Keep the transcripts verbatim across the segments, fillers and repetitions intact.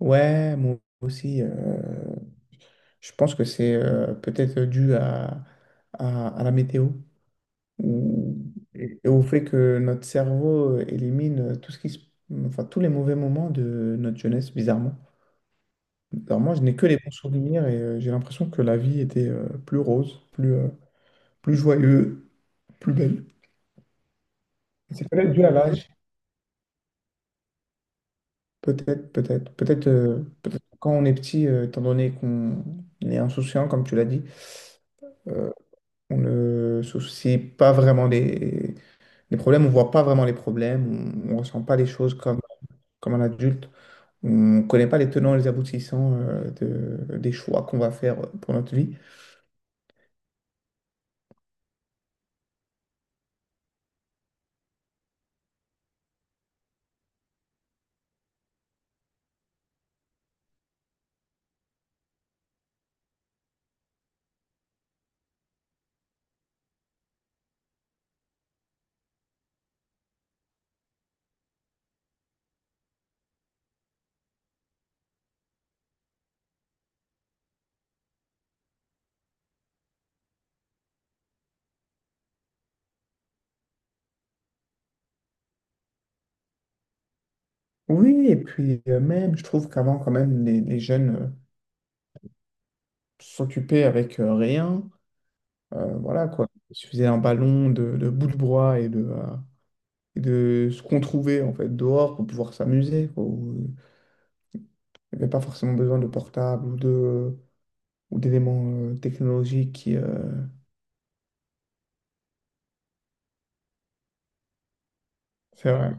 Ouais, moi aussi. Euh, je pense que c'est euh, peut-être dû à, à, à la météo ou, et, et au fait que notre cerveau euh, élimine tout ce qui se- enfin, tous les mauvais moments de notre jeunesse, bizarrement. Alors moi, je n'ai que les bons souvenirs et euh, j'ai l'impression que la vie était euh, plus rose, plus, euh, plus joyeuse, plus belle. C'est peut-être dû à l'âge. Peut-être, peut-être. Peut-être euh, peut-être quand on est petit, euh, étant donné qu'on est insouciant, comme tu l'as dit. euh, On ne se soucie pas vraiment des, des problèmes, on voit pas vraiment les problèmes, on, ne ressent pas les choses comme, comme un adulte, on ne connaît pas les tenants et les aboutissants euh, de- des choix qu'on va faire pour notre vie. Oui, et puis euh, même, je trouve qu'avant, quand même, les, les jeunes euh, s'occupaient avec euh, rien. Euh, voilà quoi, il suffisait un ballon de, de bouts de bois et de, euh, et de ce qu'on trouvait en fait dehors pour pouvoir s'amuser, quoi. Ou- euh, il n'y avait pas forcément besoin de portable ou de, ou d'éléments euh, technologiques qui... euh, C'est vrai.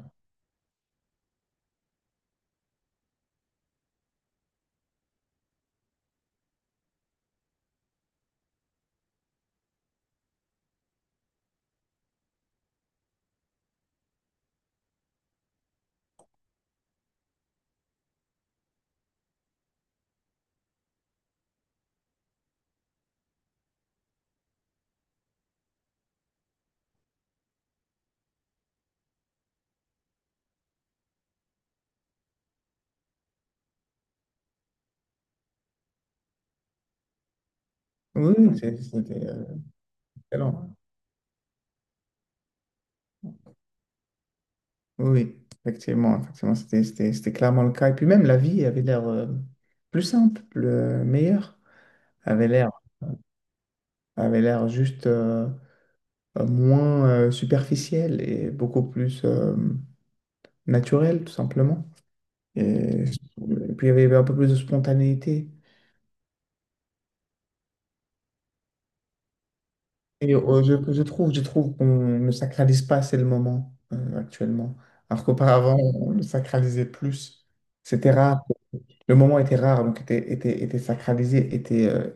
Oui, oui, c'est- c'était euh, excellent. Oui, oui, effectivement, effectivement, c'était c'était- c'était clairement le cas. Et puis même, la vie avait l'air euh, plus simple, euh, meilleure, avait l'air avait l'air juste euh, euh, moins euh, superficielle et beaucoup plus euh, naturelle, tout simplement. Et, et puis, il y avait un peu plus de spontanéité. Et euh, je, je trouve, je trouve qu'on ne sacralise pas assez le moment euh, actuellement. Alors qu'auparavant, on le sacralisait plus. C'était rare. Le moment était rare, donc était, était, était sacralisé, était, euh,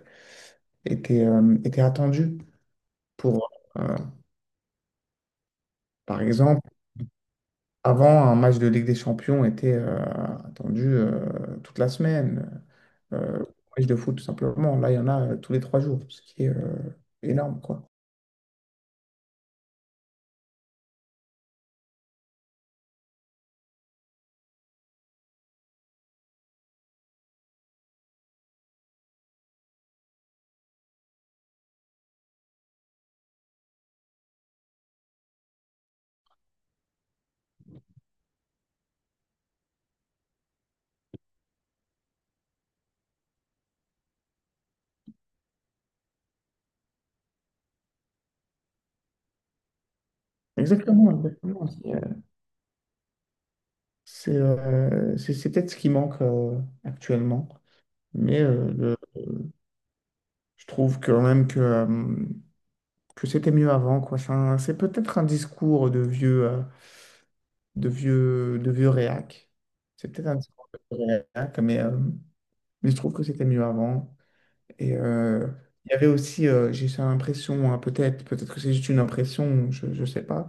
était, euh, était attendu. Pour, euh, Par exemple, avant, un match de Ligue des Champions était euh, attendu euh, toute la semaine. Euh, match de foot, tout simplement. Là, il y en a euh, tous les trois jours, ce qui est euh, énorme, quoi. Exactement, exactement. C'est euh, c'est c'est peut-être ce qui manque euh, actuellement, mais euh, le- je trouve quand même que, euh, que c'était mieux avant, quoi. C'est un- c'est peut-être un discours de vieux, euh, de vieux, de vieux réac. C'est peut-être un discours de vieux réac, mais, euh, mais je trouve que c'était mieux avant. Et euh, il y avait aussi, euh, j'ai cette impression, hein, peut-être, peut-être que c'est juste une impression, je ne sais pas,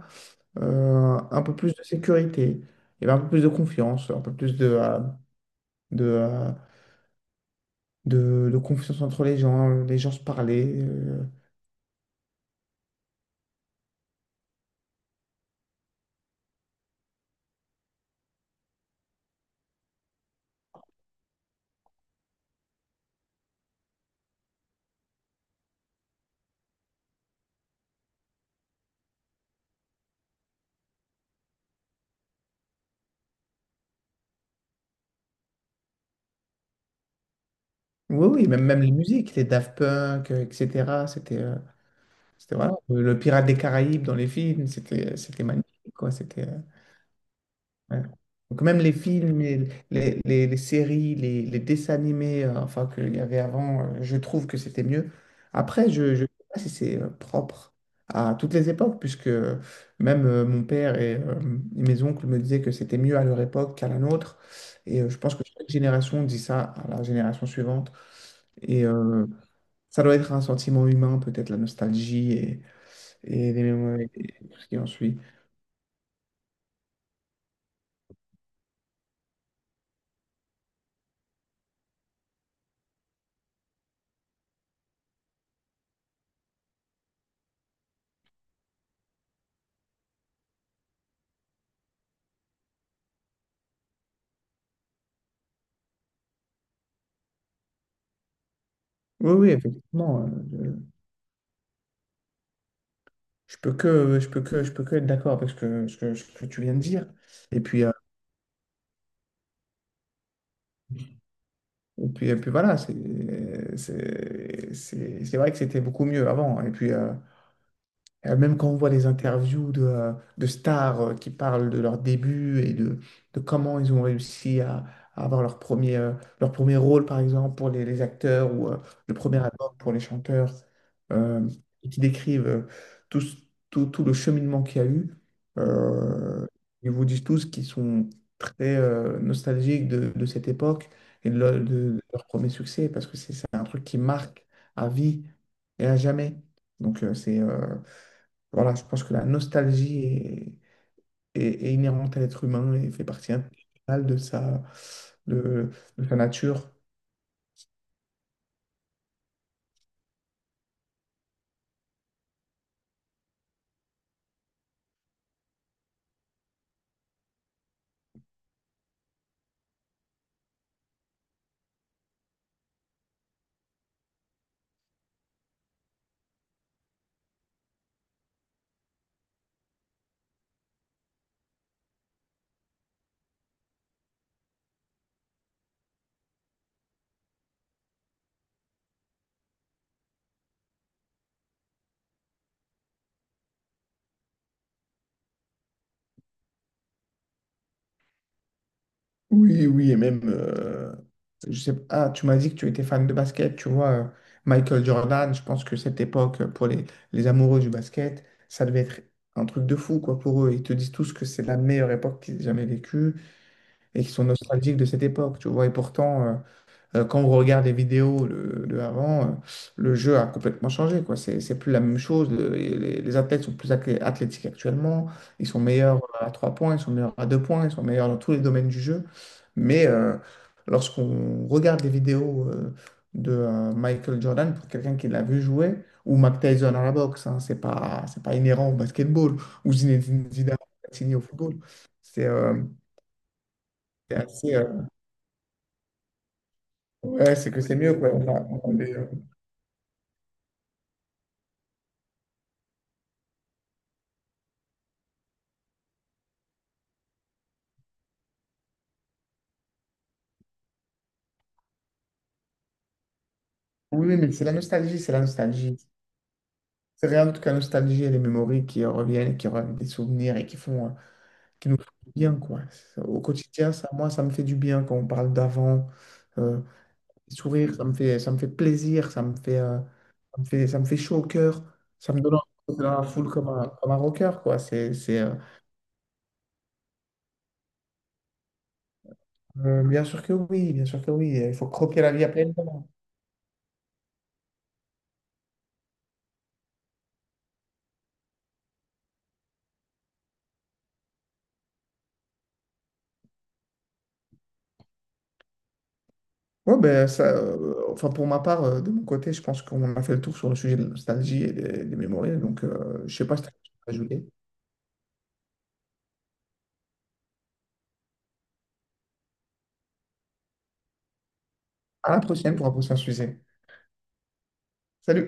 euh, un peu plus de sécurité, il y avait un peu plus de confiance, un peu plus de, euh, de, euh, de, de confiance entre les gens, euh, les gens se parlaient. euh. Oui, oui, même, même les musiques, les Daft Punk, euh, et cetera. C'était, euh, c'était voilà, le le Pirate des Caraïbes dans les films, c'était, c'était magnifique, quoi. C'était, euh, Ouais. Donc même les films, et les, les, les séries, les, les dessins animés, euh, enfin qu'il y avait avant, euh, je trouve que c'était mieux. Après, je ne sais pas si c'est euh, propre à toutes les époques, puisque euh, même euh, mon père et, euh, et mes oncles me disaient que c'était mieux à leur époque qu'à la nôtre. Et euh, je pense que chaque génération dit ça à la génération suivante. Et euh, ça doit être un sentiment humain, peut-être la nostalgie et, et les mémoires et tout ce qui en suit. Oui, oui, effectivement. euh, Je peux que, je peux que, je peux que être d'accord avec ce que, ce que, ce que tu viens de dire. Et puis, euh, et puis, et puis voilà, c'est, c'est, c'est c'est vrai que c'était beaucoup mieux avant. Et puis, euh, Euh, même quand on voit les interviews de, euh, de stars euh, qui parlent de leur début et de, de comment ils ont réussi à, à avoir leur premier, euh, leur premier rôle, par exemple, pour les, les acteurs ou euh, le premier album pour les chanteurs, euh, et qui décrivent euh, tout, ce- tout, tout le cheminement qu'il y a eu, euh, ils vous disent tous qu'ils sont très euh, nostalgiques de, de cette époque et de, leur de leur premier succès, parce que c'est c'est un truc qui marque à vie et à jamais. Donc, euh, c'est... euh, voilà, je pense que la nostalgie est, est- est inhérente à l'être humain et fait partie intégrale de sa, de, de sa nature. Oui, oui, et même, euh, je sais pas, ah, tu m'as dit que tu étais fan de basket, tu vois, euh, Michael Jordan, je pense que cette époque, pour les, les amoureux du basket, ça devait être un truc de fou, quoi, pour eux. Ils te disent tous que c'est la meilleure époque qu'ils aient jamais vécue et qu'ils sont nostalgiques de cette époque, tu vois, et pourtant, euh, Euh, quand on regarde les vidéos de, de avant, euh, le jeu a complètement changé, quoi. C'est, c'est plus la même chose. Le- et les, les athlètes sont plus athlé- athlétiques actuellement. Ils sont meilleurs à trois points, ils sont meilleurs à deux points, ils sont meilleurs dans tous les domaines du jeu. Mais euh, lorsqu'on regarde les vidéos euh, de euh, Michael Jordan, pour quelqu'un qui l'a vu jouer, ou Mike Tyson à la boxe, hein, c'est pas, c'est pas inhérent au basketball, ou Zinedine Zidane Platini au football. C'est euh, c'est assez. Euh, ouais, c'est que c'est mieux, quoi. On a- on a des- euh, Oui, oui, mais c'est la nostalgie, c'est la nostalgie. C'est rien d'autre que la nostalgie et les mémories qui reviennent, qui reviennent des souvenirs et qui font, euh, qui nous font du bien, quoi. Ça, au quotidien, ça, moi, ça me fait du bien quand on parle d'avant. Euh, sourire, ça me fait, ça me fait plaisir, ça me fait, euh, ça me fait, ça me fait chaud au cœur. Ça me donne envie de la foule comme un, comme un rocker, quoi. C'est, c'est, euh, euh, bien sûr que oui, bien sûr que oui. Il faut croquer la vie à pleines dents. Ouais, ben ça, euh, enfin pour ma part, euh, de mon côté, je pense qu'on a fait le tour sur le sujet de la nostalgie et des, des mémories. Donc, euh, je sais pas si tu as quelque chose à ajouter. À la prochaine pour un prochain sujet. Salut!